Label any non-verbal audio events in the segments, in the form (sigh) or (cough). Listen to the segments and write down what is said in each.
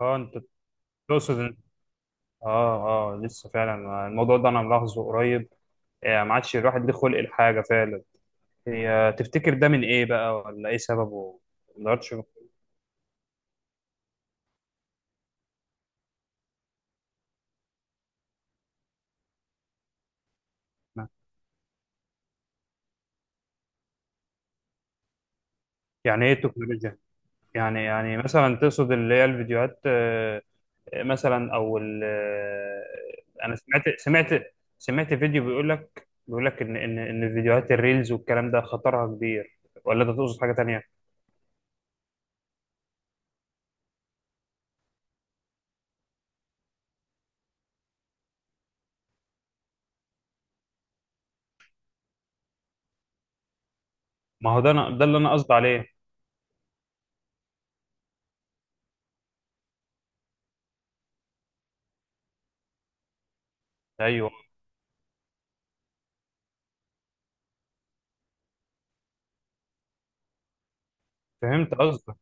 اه انت تقصد إن- اه لسه فعلا الموضوع ده انا ملاحظه قريب. ما عادش الواحد ليه خلق الحاجه فعلا. هي تفتكر ده من ايه بقى ولا ايه سببه؟ ما قدرتش أقنع. يعني ايه التكنولوجيا؟ يعني مثلا تقصد اللي هي الفيديوهات؟ مثلا او انا سمعت فيديو بيقول لك ان فيديوهات الريلز والكلام ده خطرها كبير، ولا ده تقصد حاجه تانية؟ ما هو ده ده اللي انا قصدي عليه. ايوه، فهمت قصدك.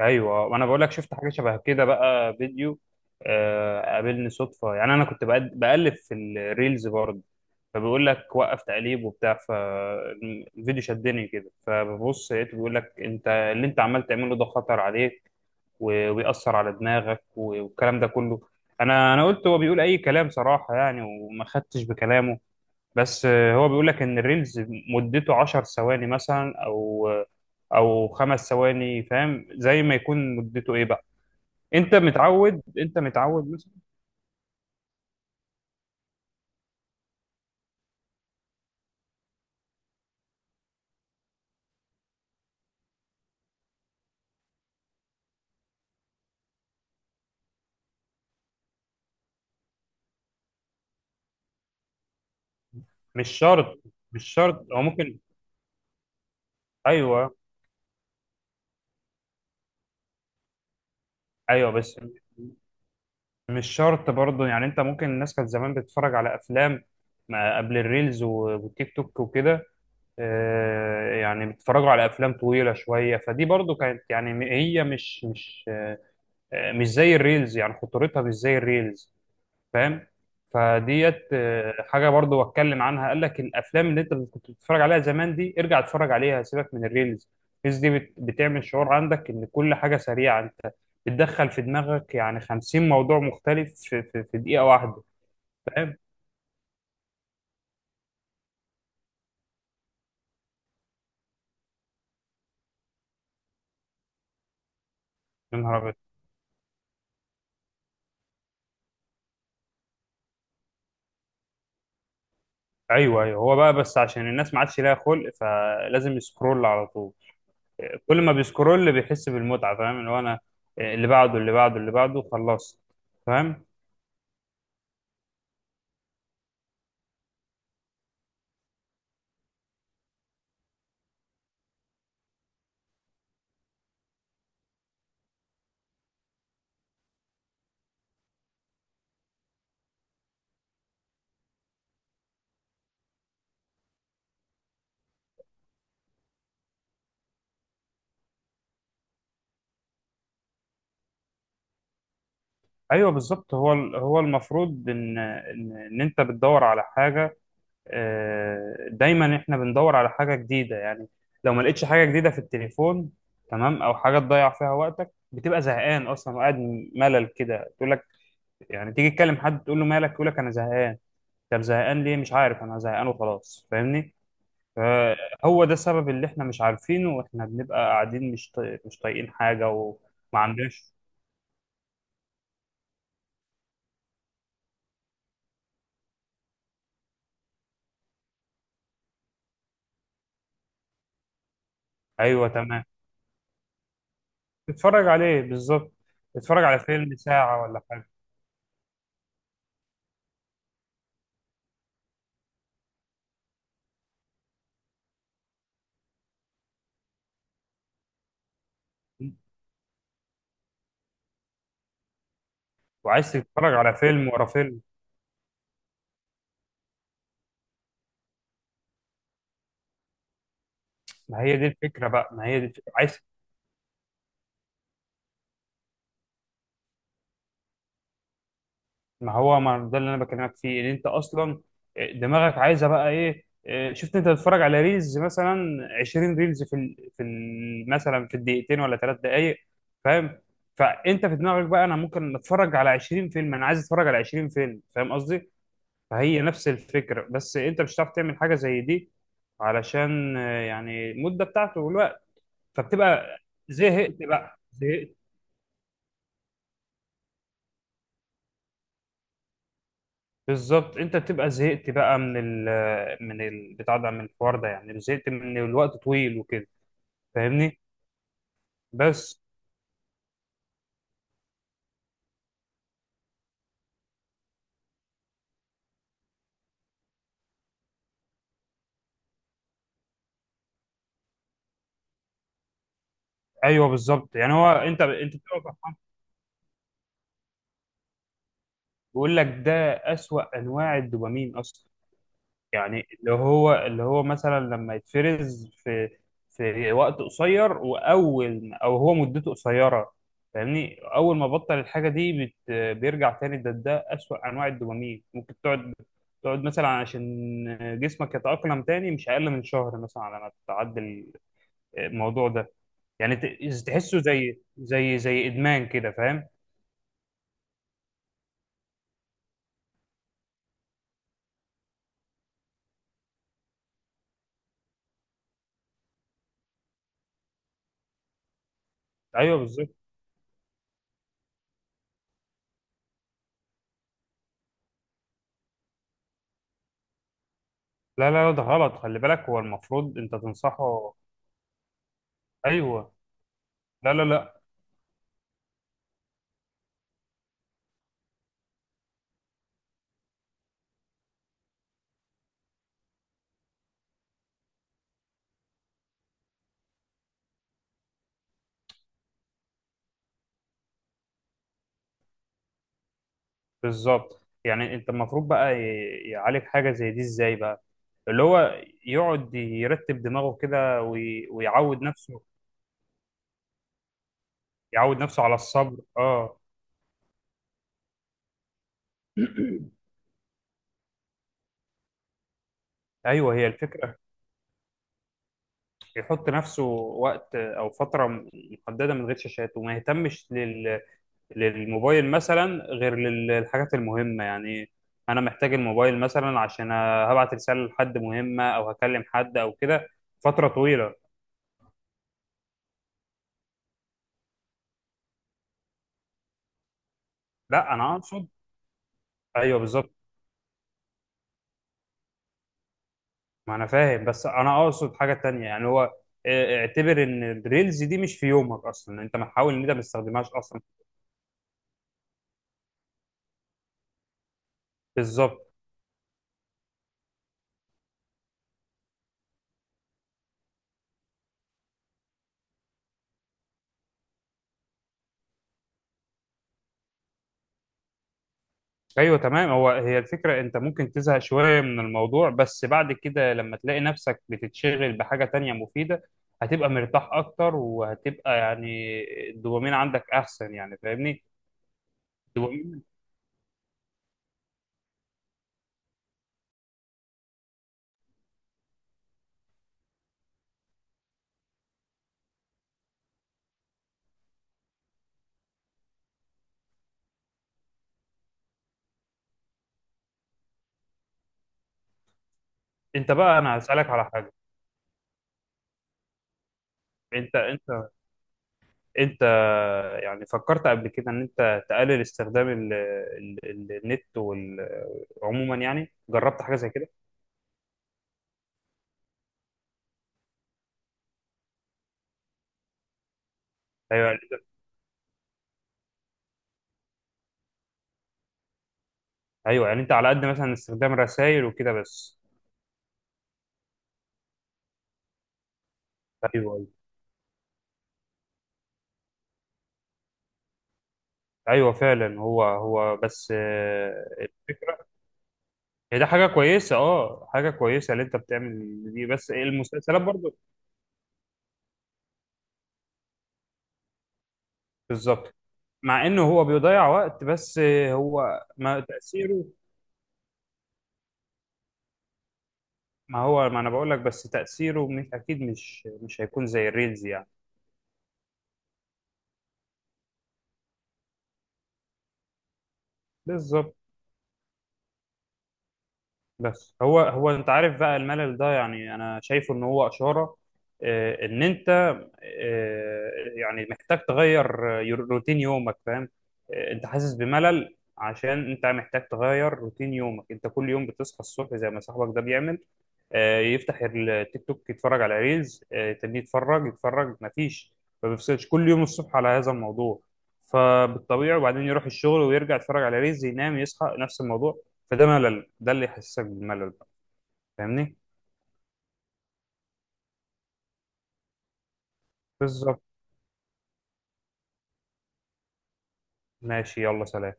ايوه، وانا بقول لك شفت حاجه شبه كده بقى. فيديو قابلني صدفه يعني. انا كنت بقلب في الريلز برضه، فبيقول لك وقف تقليب وبتاع، فالفيديو شدني كده فببص لقيته بيقول لك انت اللي انت عمال تعمله ده خطر عليك وبيأثر على دماغك والكلام ده كله. انا قلت هو بيقول اي كلام صراحه يعني، وما خدتش بكلامه. بس هو بيقول لك ان الريلز مدته 10 ثواني مثلا او خمس ثواني، فاهم؟ زي ما يكون مدته ايه بقى. انت متعود مثلا. مش شرط. مش شرط او ممكن. ايوه ايوه، بس مش شرط برضه يعني. انت ممكن، الناس كانت زمان بتتفرج على افلام ما قبل الريلز والتيك توك وكده. يعني بيتفرجوا على افلام طويله شويه، فدي برضو كانت يعني هي مش زي الريلز يعني، خطورتها مش زي الريلز، فاهم؟ فديت حاجه برضو اتكلم عنها، قال لك الافلام اللي انت كنت بتتفرج عليها زمان دي ارجع اتفرج عليها، سيبك من الريلز. الريلز دي بتعمل شعور عندك ان كل حاجه سريعه. انت بتدخل في دماغك يعني 50 موضوع مختلف في دقيقه واحده، فاهم؟ يا نهار ابيض. ايوه ايوه، هو بقى بس عشان الناس ما عادش ليها خلق، فلازم يسكرول على طول. كل ما بيسكرول بيحس بالمتعه، فاهم؟ اللي هو انا اللي بعده اللي بعده اللي بعده خلاص، فاهم؟ ايوه بالظبط. هو هو المفروض ان انت بتدور على حاجه. دايما احنا بندور على حاجه جديده يعني. لو ما لقيتش حاجه جديده في التليفون، تمام، او حاجه تضيع فيها وقتك، بتبقى زهقان اصلا وقاعد ملل كده، تقول لك يعني، تيجي تكلم حد تقول له مالك، يقول لك انا زهقان، طب زهقان ليه؟ مش عارف، انا زهقان وخلاص، فاهمني؟ فهو ده السبب اللي احنا مش عارفينه، واحنا بنبقى قاعدين مش طايقين حاجه وما عندناش. ايوه تمام. تتفرج عليه بالظبط. تتفرج على فيلم ساعة ولا حاجة، وعايز تتفرج على فيلم ورا فيلم. ما هي دي الفكرة بقى، ما هي دي الفكرة. عايز. ما هو ما ده اللي انا بكلمك فيه، ان انت اصلا دماغك عايزة بقى ايه. شفت انت بتتفرج على ريلز مثلا 20 ريلز مثلا في الدقيقتين ولا ثلاث دقايق، فاهم؟ فانت في دماغك بقى انا ممكن اتفرج على 20 فيلم، انا عايز اتفرج على 20 فيلم، فاهم قصدي؟ فهي نفس الفكرة، بس انت مش هتعرف تعمل حاجة زي دي علشان يعني المدة بتاعته والوقت، فبتبقى زهقت بقى، زهقت. بالظبط، انت بتبقى زهقت بقى من ال آه، من ال بتاع ده، من الحوار ده يعني، زهقت من الوقت طويل وكده، فاهمني؟ بس ايوه بالظبط. يعني هو انت بتبقى فرحان، بيقول لك ده اسوأ انواع الدوبامين اصلا. يعني اللي هو اللي هو مثلا لما يتفرز في وقت قصير، واول او هو مدته قصيره، فاهمني؟ اول ما بطل الحاجه دي بيرجع تاني. ده اسوأ انواع الدوبامين. ممكن تقعد مثلا عشان جسمك يتأقلم تاني مش اقل من شهر مثلا على ما تتعدل الموضوع ده. يعني تحسه زي ادمان كده، فاهم؟ ايوه بالظبط. لا لا لا، ده غلط، خلي بالك، هو المفروض انت تنصحه. ايوه. لا لا لا. بالظبط، يعني انت المفروض بقى يعالج حاجه زي دي ازاي بقى. اللي هو يقعد يرتب دماغه كده ويعود نفسه. يعود نفسه على الصبر، اه. (clears throat) ايوه، هي الفكره. يحط نفسه وقت او فتره محدده من غير شاشات، وما يهتمش لل... للموبايل مثلا غير للحاجات المهمه يعني. انا محتاج الموبايل مثلا عشان هبعت رساله لحد مهمه او هكلم حد او كده. فتره طويله. لا، انا اقصد. ايوه بالظبط. ما انا فاهم، بس انا اقصد حاجه تانية يعني. هو اه، اعتبر ان الريلز دي مش في يومك اصلا، انت محاول ان انت ما تستخدمهاش اصلا. بالظبط. ايوه تمام، هو هي الفكره. انت ممكن تزهق شويه من الموضوع، بس بعد كده لما تلاقي نفسك بتتشغل بحاجه تانية مفيده، هتبقى مرتاح اكتر، وهتبقى يعني الدوبامين عندك احسن يعني، فاهمني؟ الدوبامين. انت بقى، انا هسالك على حاجه. انت انت انت يعني فكرت قبل كده ان انت تقلل استخدام ال ال ال النت عموما يعني؟ جربت حاجه زي كده؟ ايوه ايوه. يعني انت على قد مثلا استخدام رسائل وكده بس. ايوه ايوه. أيوة فعلا. هو هو بس الفكره. هي ده حاجه كويسه، اه، حاجه كويسه اللي انت بتعمل دي، بس المسلسلات برضو. بالظبط. مع انه هو بيضيع وقت، بس هو ما تاثيره. ما هو ما انا بقول لك، بس تاثيره مش اكيد، مش مش هيكون زي الريلز يعني. بالظبط. بس هو هو انت عارف بقى الملل ده، يعني انا شايفه ان هو اشاره ان انت آه، يعني محتاج تغير روتين يومك، فاهم؟ انت حاسس بملل عشان انت محتاج تغير روتين يومك. انت كل يوم بتصحى الصبح زي ما صاحبك ده بيعمل، يفتح التيك توك، يتفرج على ريلز، آه، يتني يتفرج مفيش، ما بيفصلش كل يوم الصبح على هذا الموضوع، فبالطبيعي. وبعدين يروح الشغل ويرجع يتفرج على ريلز، ينام، يصحى نفس الموضوع. فده ملل، ده اللي يحسسك بالملل بقى، فاهمني؟ بالظبط. ماشي، يلا سلام.